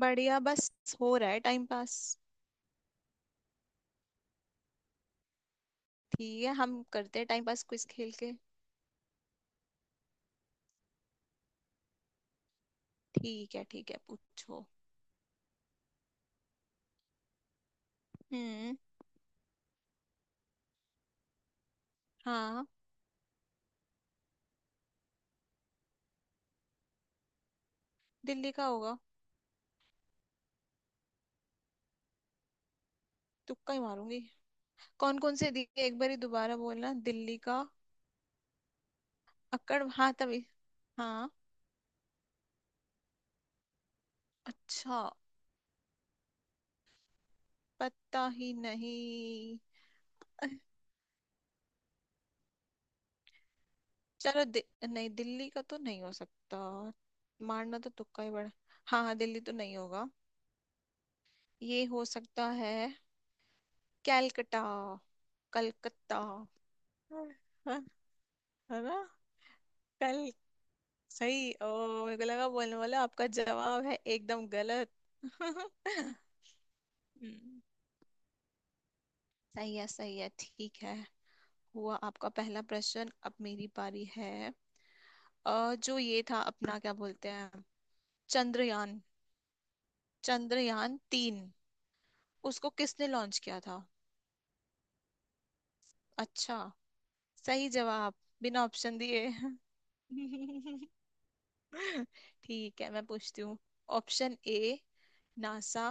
बढ़िया बस। हो रहा है टाइम पास। ठीक है, हम करते हैं टाइम पास क्विज खेल के। ठीक है ठीक है, पूछो। हम्म। हाँ, दिल्ली का होगा। तुक्का ही मारूंगी। कौन कौन से दिए एक बार ही दोबारा बोलना, दिल्ली का? अक्कड़, हाँ तभी। हाँ। अच्छा। पता ही नहीं। चलो दि, नहीं, दिल्ली का तो नहीं हो सकता। मारना तो तुक्का ही बड़ा। हाँ हाँ, दिल्ली तो नहीं होगा। ये हो सकता है, कैलकटा, कलकत्ता। है। है ना? कल। सही, ओ। मेरे को लगा बोलने वाला आपका जवाब है एकदम गलत। हम्म, सही है सही है, ठीक है। हुआ आपका पहला प्रश्न, अब मेरी पारी है। जो ये था, अपना क्या बोलते हैं, चंद्रयान, चंद्रयान तीन, उसको किसने लॉन्च किया था? अच्छा। सही जवाब, बिना ऑप्शन दिए। ठीक है, मैं पूछती हूँ। Option A, NASA.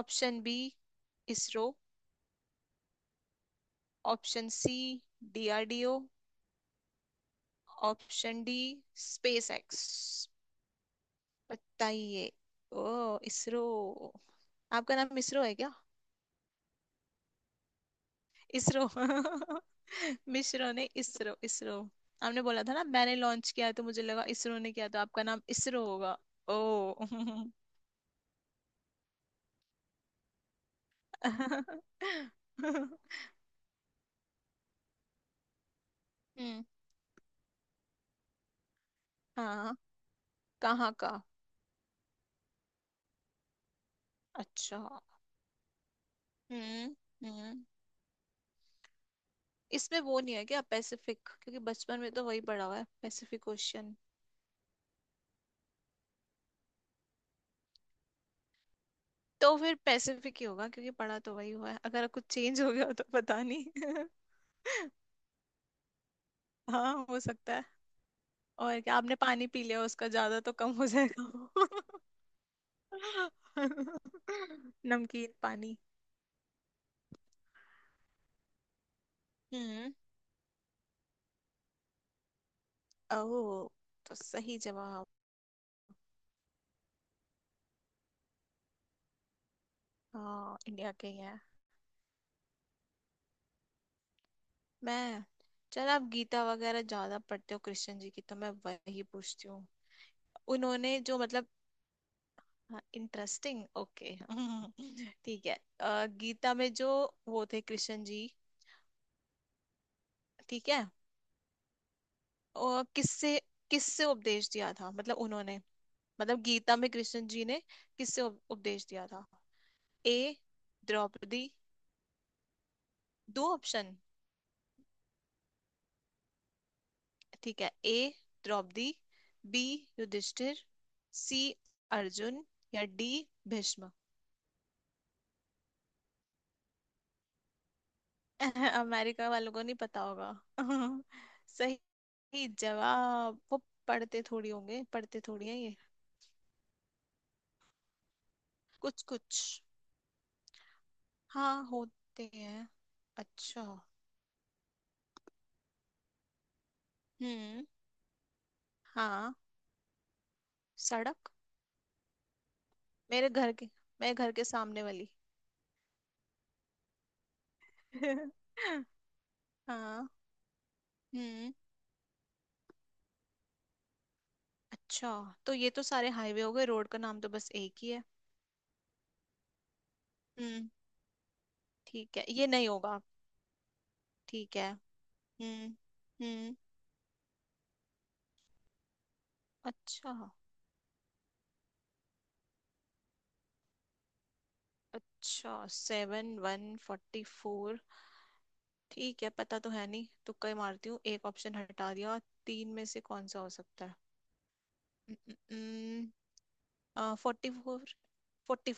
Option B, ISRO. Option C, DRDO. Option D, SpaceX. बताइए। ओ, इसरो। आपका नाम इसरो है क्या? इसरो। मिश्रो ने इसरो इसरो। आपने बोला था ना मैंने लॉन्च किया है, तो मुझे लगा इसरो ने किया, तो आपका नाम इसरो होगा। ओ। हम्म। हाँ। कहाँ का? अच्छा। हम्म। हम्म। इसमें वो नहीं है क्या, पैसिफिक? क्योंकि बचपन में तो वही पढ़ा हुआ है, पैसिफिक ओशियन। तो फिर पैसिफिक ही होगा क्योंकि पढ़ा तो वही हुआ है, अगर कुछ चेंज हो गया हो तो पता नहीं। हाँ, हो सकता है। और क्या, आपने पानी पी लिया उसका ज्यादा, तो कम हो जाएगा। नमकीन पानी। हम्म। ओ। तो सही जवाब। हाँ, इंडिया के ही है। मैं, चल आप गीता वगैरह ज्यादा पढ़ते हो कृष्ण जी की, तो मैं वही पूछती हूँ। उन्होंने जो, मतलब, इंटरेस्टिंग, ओके। ठीक है। गीता में जो वो थे कृष्ण जी, ठीक है, और किससे, किससे उपदेश दिया था, मतलब उन्होंने, मतलब गीता में कृष्ण जी ने किससे उपदेश दिया था? ए, द्रौपदी, दो ऑप्शन। ठीक है, A, Draupadi. B, Yudhishthir. C, Arjun. या डी, भीष्म। अमेरिका वालों को नहीं पता होगा। सही जवाब, वो। पढ़ते थोड़ी होंगे, पढ़ते थोड़ी हैं ये। कुछ कुछ। हाँ, होते हैं। अच्छा। हम्म। हाँ। सड़क? मेरे घर के, मेरे घर के सामने वाली। हाँ। हम्म। अच्छा, तो ये तो सारे हाईवे हो गए, रोड का नाम तो बस एक ही है। हम्म, ठीक है, ये नहीं होगा। ठीक है। हम्म। हम्म। अच्छा। अच्छा, सेवन वन फोर्टी फोर। ठीक है, पता तो है नहीं, तुक्का ही मारती हूँ, एक ऑप्शन हटा दिया। तीन में से कौन सा हो सकता है? Forty four, forty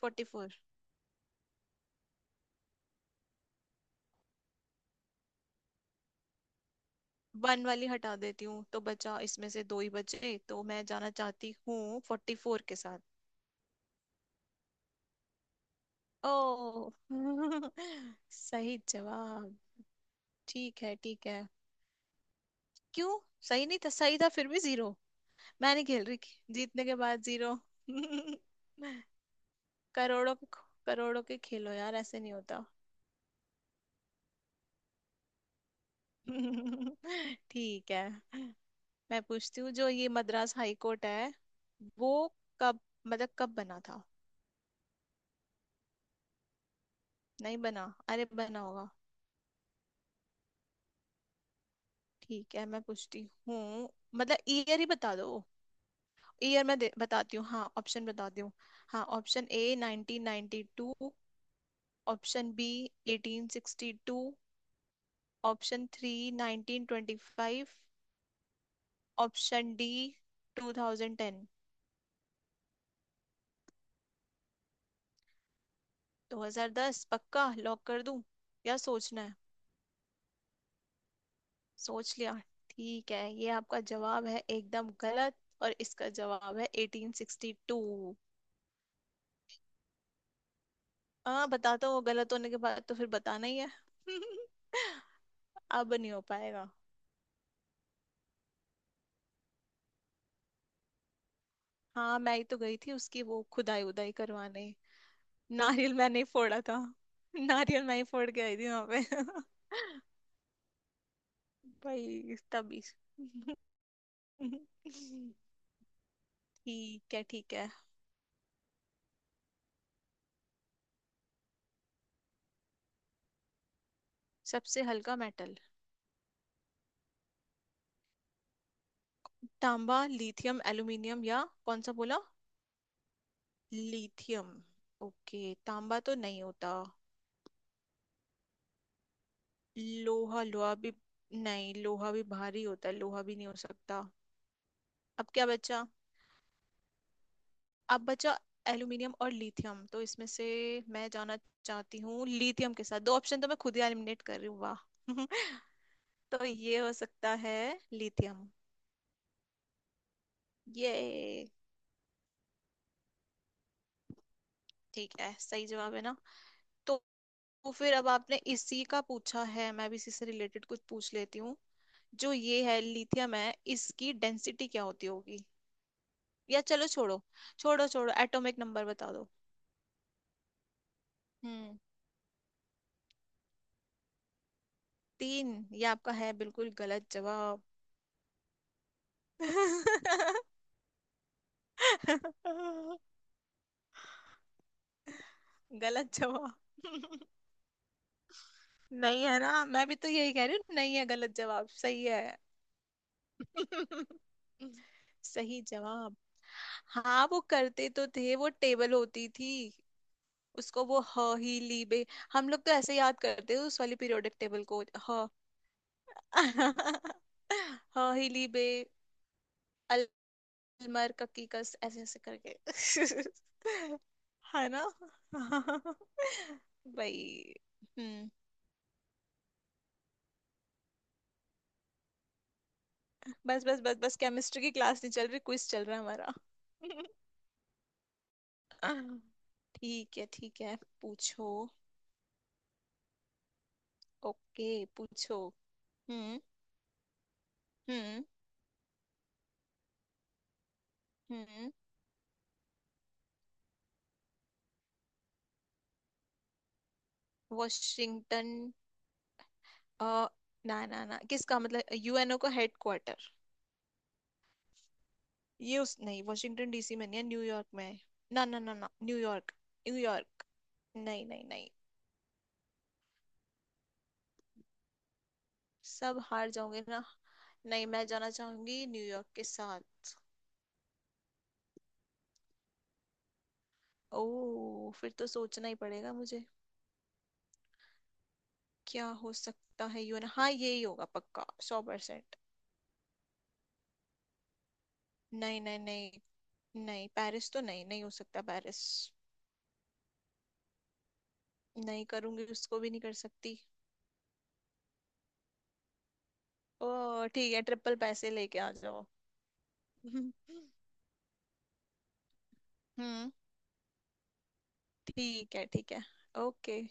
four. One वाली हटा देती हूँ, तो बचा, इसमें से दो ही बचे, तो मैं जाना चाहती हूँ फोर्टी फोर के साथ। ओ। सही जवाब। ठीक है ठीक है। क्यों? सही नहीं था, सही था फिर भी जीरो? मैं नहीं खेल रही, जीतने के बाद जीरो। करोड़ों के, करोड़ों के खेलो यार, ऐसे नहीं होता। ठीक है। मैं पूछती हूँ, जो ये मद्रास हाई कोर्ट है वो कब, मतलब कब बना था? नहीं बना? अरे, बना होगा। ठीक है, मैं पूछती हूँ, मतलब ईयर ही बता दो। ईयर, मैं बताती हूँ, हाँ, ऑप्शन बताती हूँ। हाँ, option A, 1992। Option B, 1862। Option three, 1925। Option D, 2010। 2010 पक्का लॉक कर दूं, या सोचना है? सोच लिया? ठीक है, ये आपका जवाब है एकदम गलत, और इसका जवाब है 1862। हाँ, बता दो, गलत होने के बाद तो फिर बताना ही है। अब नहीं हो पाएगा। हाँ, मैं ही तो गई थी उसकी वो खुदाई उदाई करवाने, नारियल मैंने ही फोड़ा था। नारियल मैं ही फोड़ के आई थी वहां पे। भाई, तभी। ठीक है ठीक है। सबसे हल्का मेटल, तांबा, लिथियम, एल्यूमिनियम, या कौन सा बोला? लिथियम। ओके, तांबा तो नहीं होता, लोहा, लोहा भी, नहीं, लोहा भी भारी होता है, लोहा भी नहीं हो सकता। अब क्या बचा, अब बचा एल्यूमिनियम और लिथियम, तो इसमें से मैं जाना चाहती हूँ लिथियम के साथ, दो ऑप्शन तो मैं खुद ही एलिमिनेट कर रही हूँ, वाह। तो ये हो सकता है लिथियम। ये? ठीक है, सही जवाब है ना? तो तो फिर अब आपने इसी का पूछा है, मैं भी इसी से रिलेटेड कुछ पूछ लेती हूँ। जो ये है लिथियम है, इसकी डेंसिटी क्या होती होगी? या चलो छोड़ो, छोड़ो छोड़ो, एटॉमिक नंबर बता दो। हम्म। तीन? ये आपका है बिल्कुल गलत जवाब। गलत जवाब। नहीं है ना, मैं भी तो यही कह रही हूँ, नहीं है, गलत जवाब सही है। सही जवाब। हाँ, वो करते तो थे, वो टेबल होती थी। उसको वो, ह ही ली बे, हम लोग तो ऐसे याद करते हैं उस वाली पीरियोडिक टेबल को। ह। ह ही ली बे, अलमर ककी कस, ऐसे ऐसे करके। है ना? भाई। हम्म। बस बस बस बस, केमिस्ट्री की क्लास नहीं चल रही, क्विज चल रहा है हमारा। ठीक है ठीक है, पूछो। ओके, पूछो। हम्म। हम्म। हम्म। वॉशिंगटन, अ, ना ना ना, किसका, मतलब यूएनओ का हेडक्वार्टर? ये उस नहीं, वॉशिंगटन डीसी में नहीं है, न्यूयॉर्क में है। ना ना ना ना, न्यूयॉर्क। न्यूयॉर्क, नहीं नहीं नहीं। सब हार जाओगे ना? नहीं, मैं जाना चाहूंगी न्यूयॉर्क के साथ। ओ, फिर तो सोचना ही पड़ेगा मुझे। क्या हो सकता है, यूएन, हाँ यही होगा पक्का, 100%। नहीं नहीं नहीं, नहीं पेरिस तो नहीं, नहीं हो सकता पेरिस। नहीं करूंगी, उसको भी नहीं कर सकती। ओ ठीक है, ट्रिपल पैसे लेके आ जाओ। हम्म, ठीक है ठीक है। ओके।